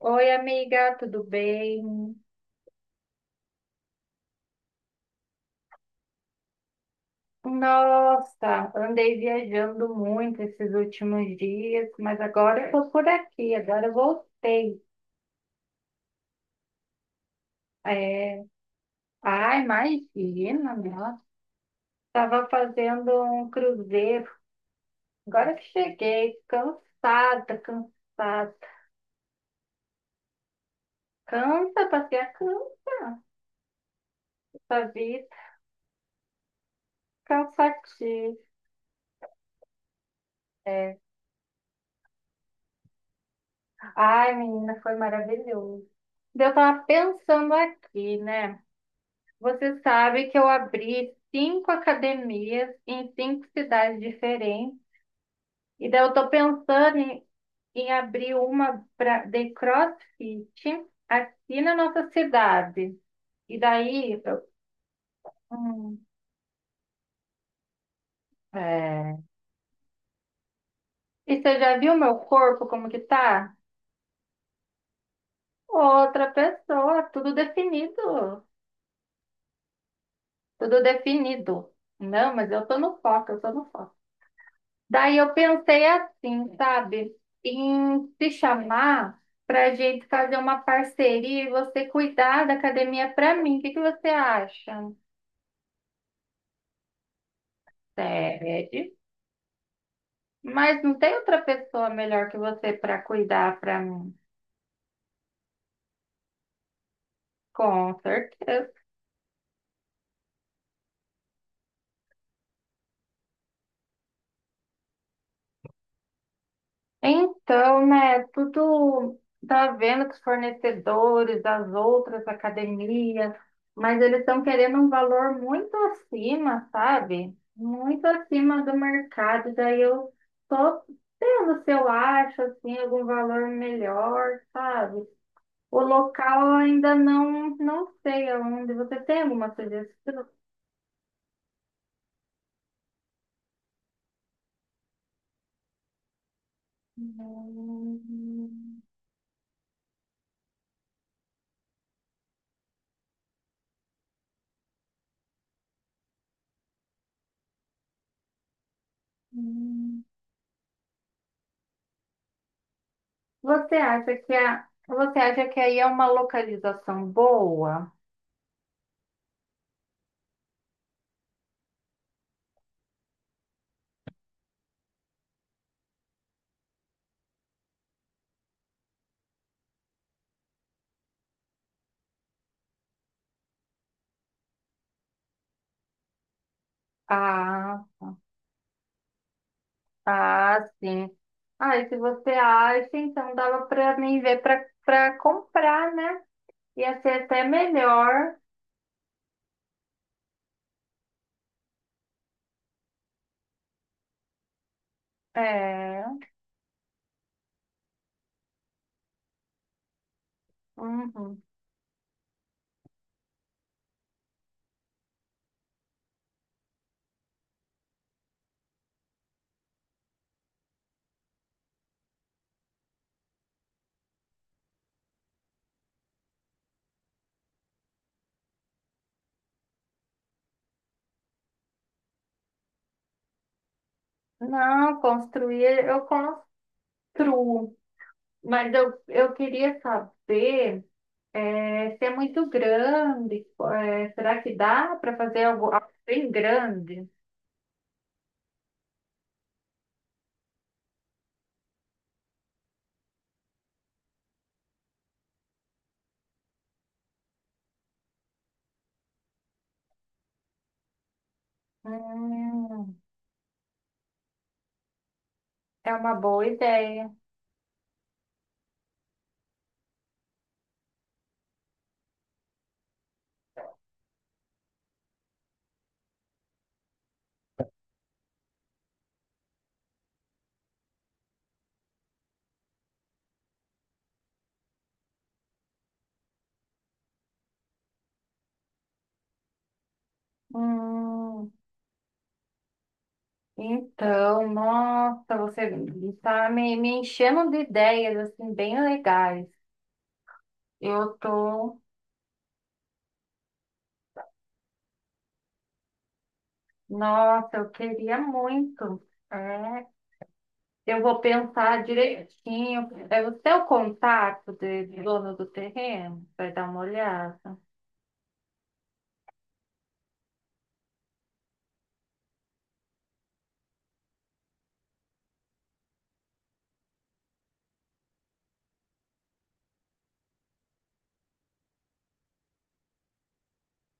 Oi, amiga, tudo bem? Nossa, andei viajando muito esses últimos dias, mas agora eu tô por aqui, agora eu voltei. É. Ah, imagina, nossa, estava fazendo um cruzeiro. Agora que cheguei, cansada, cansada. Cansa, passei a cansa, a vida, cansativo. Ai, menina, foi maravilhoso. Eu tava pensando aqui, né? Você sabe que eu abri cinco academias em cinco cidades diferentes. E daí eu tô pensando em abrir uma pra, de CrossFit aqui na nossa cidade. E daí, hum, é. E você já viu meu corpo como que tá? Outra pessoa, tudo definido, tudo definido. Não, mas eu tô no foco, eu tô no foco. Daí eu pensei assim, sabe, em te chamar para a gente fazer uma parceria e você cuidar da academia para mim. O que que você acha? Sede. Mas não tem outra pessoa melhor que você para cuidar para mim? Com certeza. Então, né, tudo tá vendo que os fornecedores das outras academias, mas eles estão querendo um valor muito acima, sabe? Muito acima do mercado. Daí eu tô tendo se eu acho assim algum valor melhor, sabe? O local eu ainda não sei aonde. Você tem alguma sugestão? Hum, hum. Você acha que aí é uma localização boa? Ah, ah, sim. Ah, e se você acha, então dava para mim ver para comprar, né? Ia ser até melhor. É. Uhum. Não, construir, eu construo. Mas eu queria saber é, se é muito grande. É, será que dá para fazer algo bem grande? Hum. É uma boa ideia. Hum, então, nossa, você está me enchendo de ideias assim bem legais. Eu tô, nossa, eu queria muito. É, eu vou pensar direitinho. É o seu contato de dono do terreno? Vai dar uma olhada.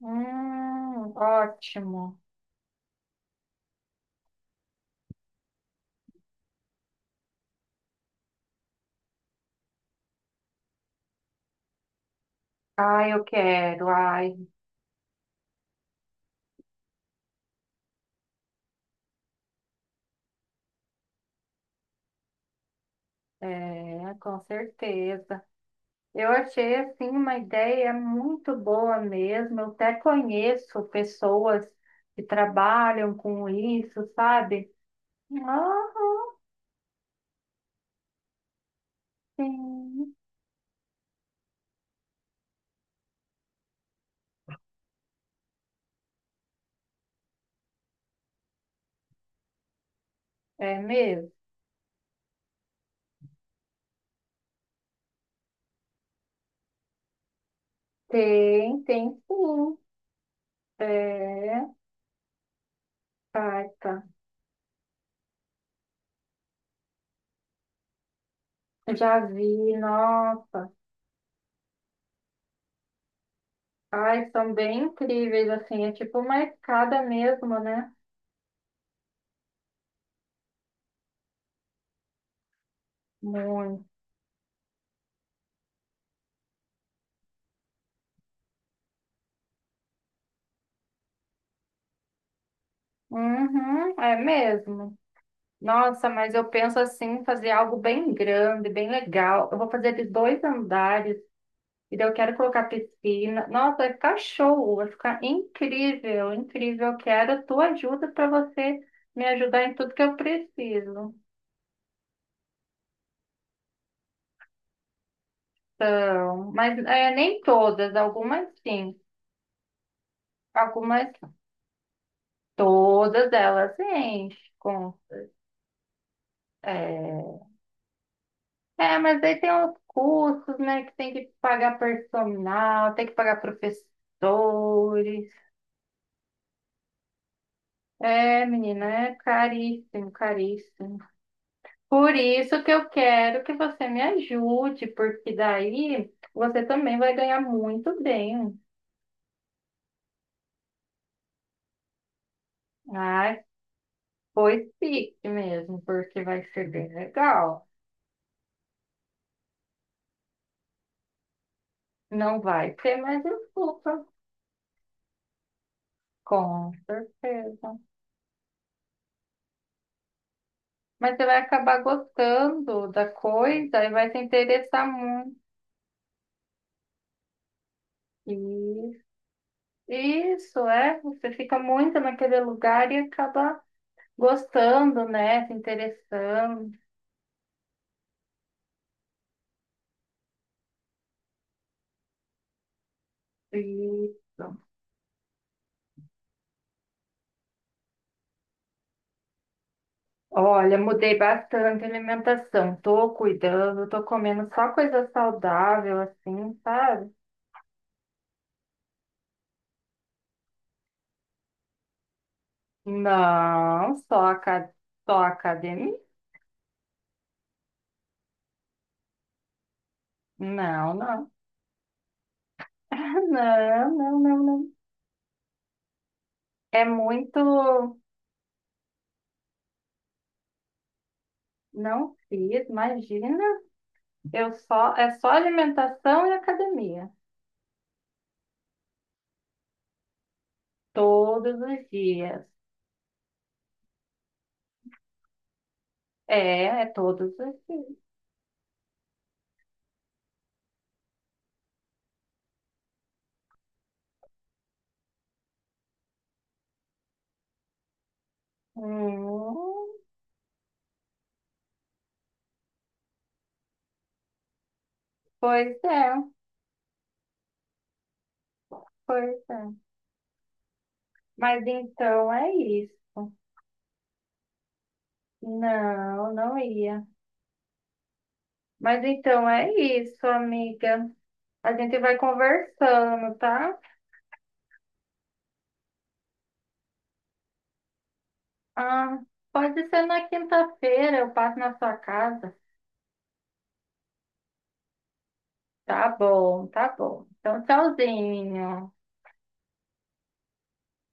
Ótimo. Ah, eu quero. Ai, é, com certeza. Eu achei assim uma ideia muito boa mesmo. Eu até conheço pessoas que trabalham com isso, sabe? Aham, sim. É mesmo? Tem, tem sim. É, carta. Já vi, nossa. Ai, são bem incríveis, assim. É tipo uma escada mesmo, né? Muito. Uhum, é mesmo. Nossa, mas eu penso assim, fazer algo bem grande, bem legal. Eu vou fazer de dois andares, e daí eu quero colocar piscina. Nossa, vai ficar show, vai ficar incrível, incrível. Eu quero a tua ajuda para você me ajudar em tudo que eu preciso. Então, mas é, nem todas, algumas sim, algumas todas elas enchem com é, é, mas aí tem os custos, né, que tem que pagar personal, tem que pagar professores. É, menina, é caríssimo, caríssimo. Por isso que eu quero que você me ajude, porque daí você também vai ganhar muito bem. Ai, pois fique mesmo, porque vai ser bem legal. Não vai ter mais desculpa, com certeza. Mas você vai acabar gostando da coisa e vai se interessar muito. Isso, isso é. Você fica muito naquele lugar e acaba gostando, né? Se interessando. Isso. Olha, mudei bastante a alimentação. Tô cuidando, tô comendo só coisa saudável, assim, sabe? Não, só academia? Não, não. Não, não, não, não. É muito. Não fiz, imagina. Eu só é só alimentação e academia. Todos os dias. É, todos os dias. Hum, pois é. Pois é. Mas então é isso. Não, não ia. Mas então é isso, amiga. A gente vai conversando, tá? Ah, pode ser na quinta-feira, eu passo na sua casa. Tá bom, tá bom. Então, tchauzinho.